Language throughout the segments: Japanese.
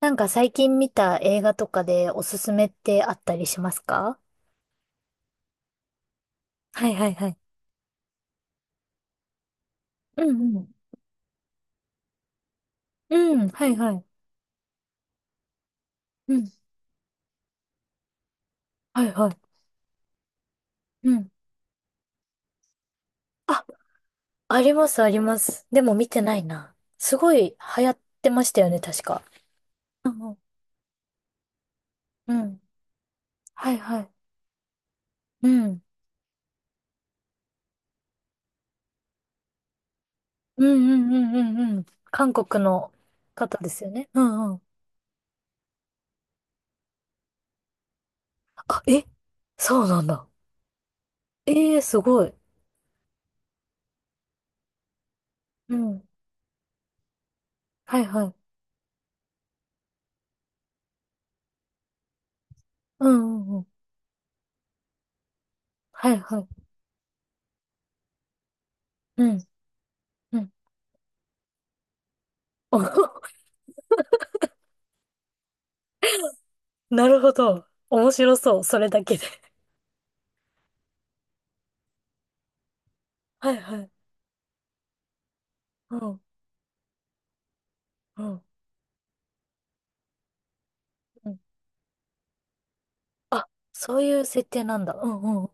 なんか最近見た映画とかでおすすめってあったりしますか？はいはいはい。うんうん。うん、はいはい。うん、はいはい。うん。あ、ありますあります。でも見てないな。すごい流行ってましたよね、確か。うんうん。うん。はいはい。うん。うんうんうんうんうん。韓国の方ですよね。うんうん。あ、えそうなんだ。ええー、すごい。うん。はいはい。うんうんうん。はいはい。うん。うん。なるほど。面白そう。それだけで。はいはい。うん、うん、うん。あ、そういう設定なんだ。うん、うん。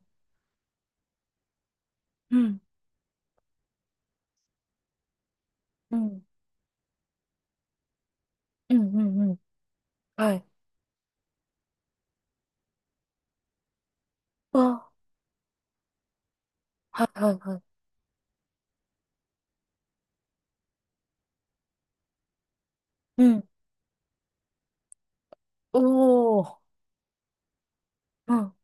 うん、うん、うん、うんうん。はい。あ、はいはいはい。うん。おお。うん、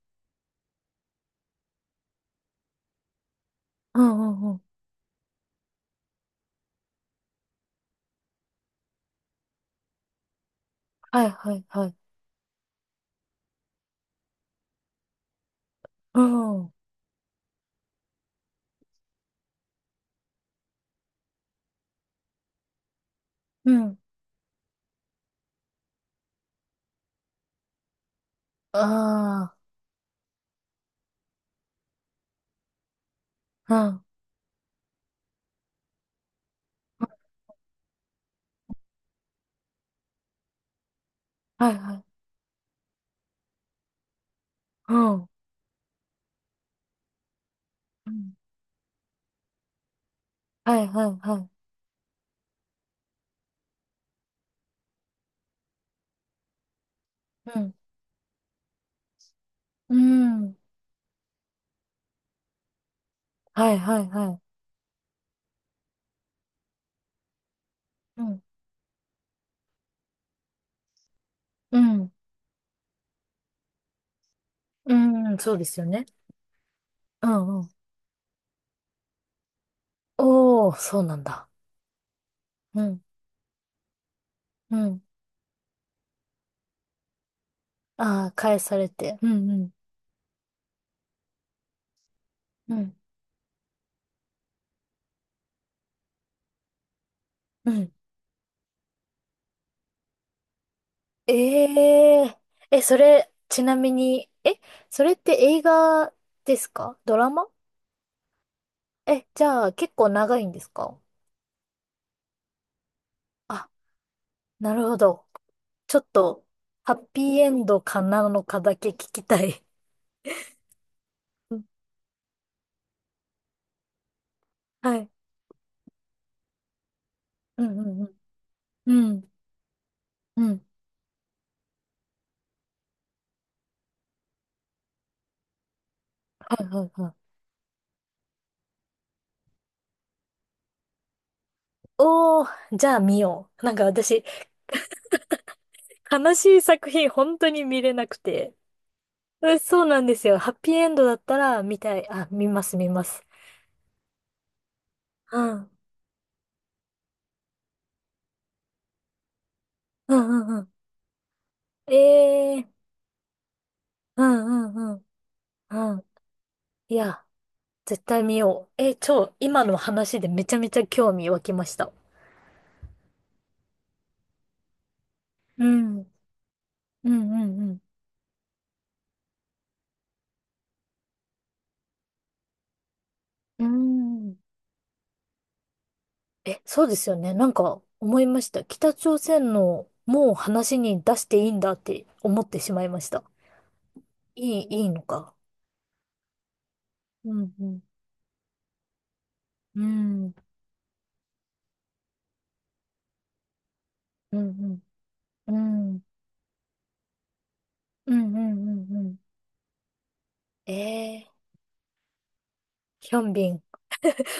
うん、うん、うん。はいはいはい。うん、うん。ああ、うん。うんはいはい。うん。うんはいはいはい。うん。うん。はいはいはい。うん。うん。うん。そうですよね。うんうん。おー、そうなんだ。うん。うん。ああ、返されて。うんうん。うん。うん。えええ、それ、ちなみに、え、それって映画ですかドラマ？え、じゃあ結構長いんですか？あ、なるほど。ちょっと、ハッピーエンドかなのかだけ聞きたい。うんはい。うんうんうん。うん。うん。はいはいはい。おー、じゃあ見よう。なんか私、悲しい作品本当に見れなくて。うんそうなんですよ。ハッピーエンドだったら見たい。あ、見ます、見ます。うん。うんうんうん。ええうんうんうん。うん。いや、絶対見よう。えー、超、今の話でめちゃめちゃ興味湧きました。うん。うんうんうん。うん。え、そうですよね。なんか思いました。北朝鮮のもう話に出していいんだって思ってしまいました。いい、いいのか。うんうん。うん。うんうん。うん。うんうんうんうん。ええヒョンビン。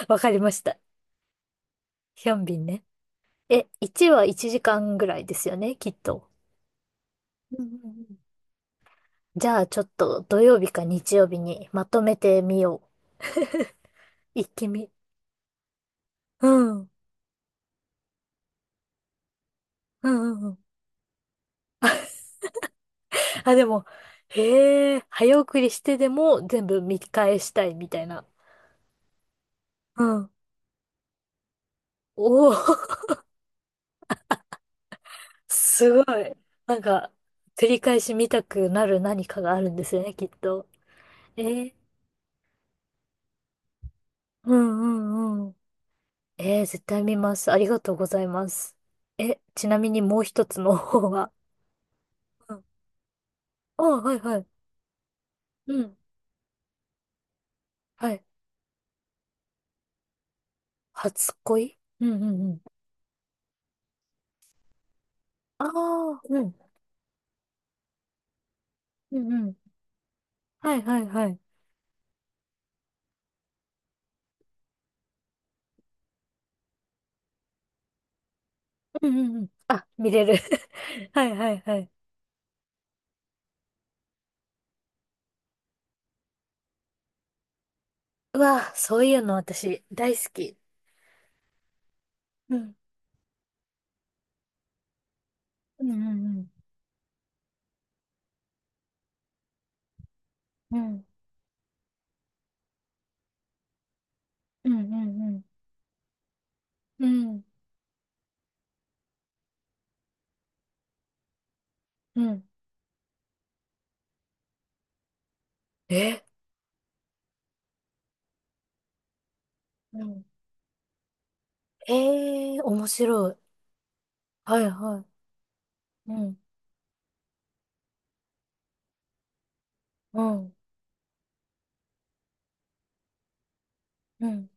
わかりました。ヒョンビンね。え、1は1時間ぐらいですよね、きっと。うんうんうん。じゃあちょっと土曜日か日曜日にまとめてみよう。一気見。うん。うんうんうん。あ、でも、へえ、早送りしてでも全部見返したいみたいな。うん。おお、すごい。なんか、繰り返し見たくなる何かがあるんですよね、きっと。えーうんうんうん。えー、絶対見ます。ありがとうございます。え、ちなみにもう一つの方は？うん。あはいはい。うん。はい。初恋うんうんうん。ああ、うん。うんうん。はいはいはい。うんうんうん。あ、見れる。はいはいはい。うわ、そういうの私大好き。うん。うんうんうん。うん。うんうんうん。うん。うん。えうん。ええー、面白い。はいはい。うん。うん。うん。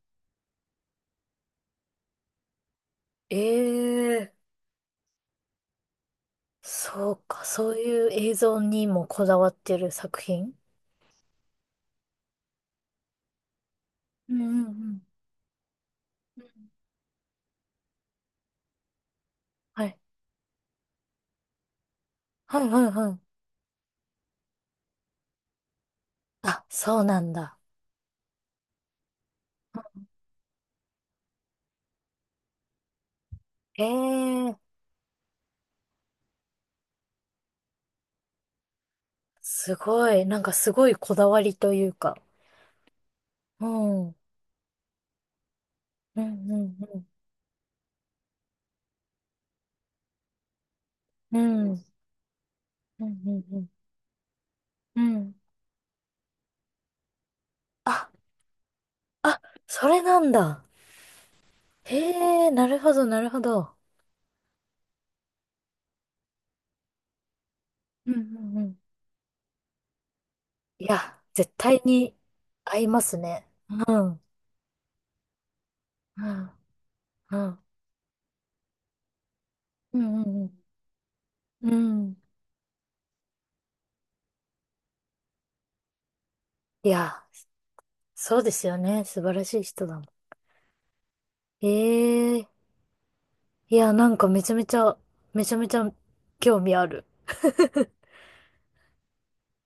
ええー。そうか、そういう映像にもこだわってる作品？うんうんうんうんはい。はいはいはい。あ、そうなんだ。ええーすごい。なんかすごいこだわりというか。うん。うんうんうん。うん。うんうんうん。うん。あ、あ、それなんだ。へえ、なるほどなるほど。うんうんうん。いや、絶対に合いますね。うん。うん。うん。うんうんうん。うん。いや。そうですよね。素晴らしい人だもん。ええいや、なんかめちゃめちゃ、めちゃめちゃ興味ある。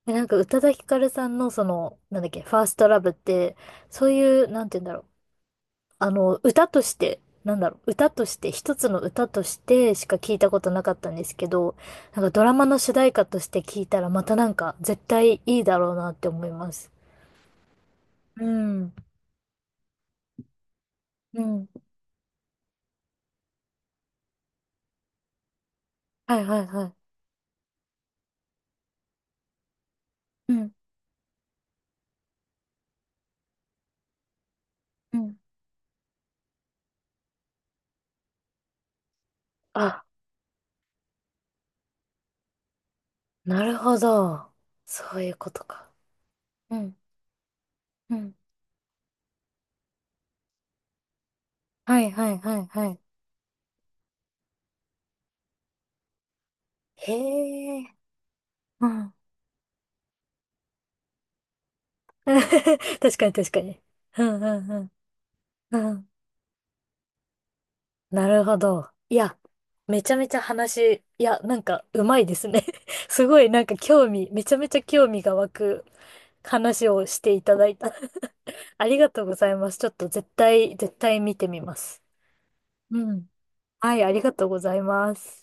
えなんか宇多田ヒカルさんのその、なんだっけ、ファーストラブって、そういう、なんて言うんだろう。あの、歌として、なんだろう、歌として、一つの歌としてしか聞いたことなかったんですけど、なんかドラマの主題歌として聞いたらまたなんか絶対いいだろうなって思います。うん。うん。はいはいはい。うん。うん。あ、なるほど。そういうことか。うん。うん。はいはいはいはい。へえ。うん。確かに確かに。うんうんうん。うん。なるほど。いや、めちゃめちゃ話、いや、なんか、うまいですね。すごいなんか興味、めちゃめちゃ興味が湧く話をしていただいた。ありがとうございます。ちょっと絶対、絶対見てみます。うん。はい、ありがとうございます。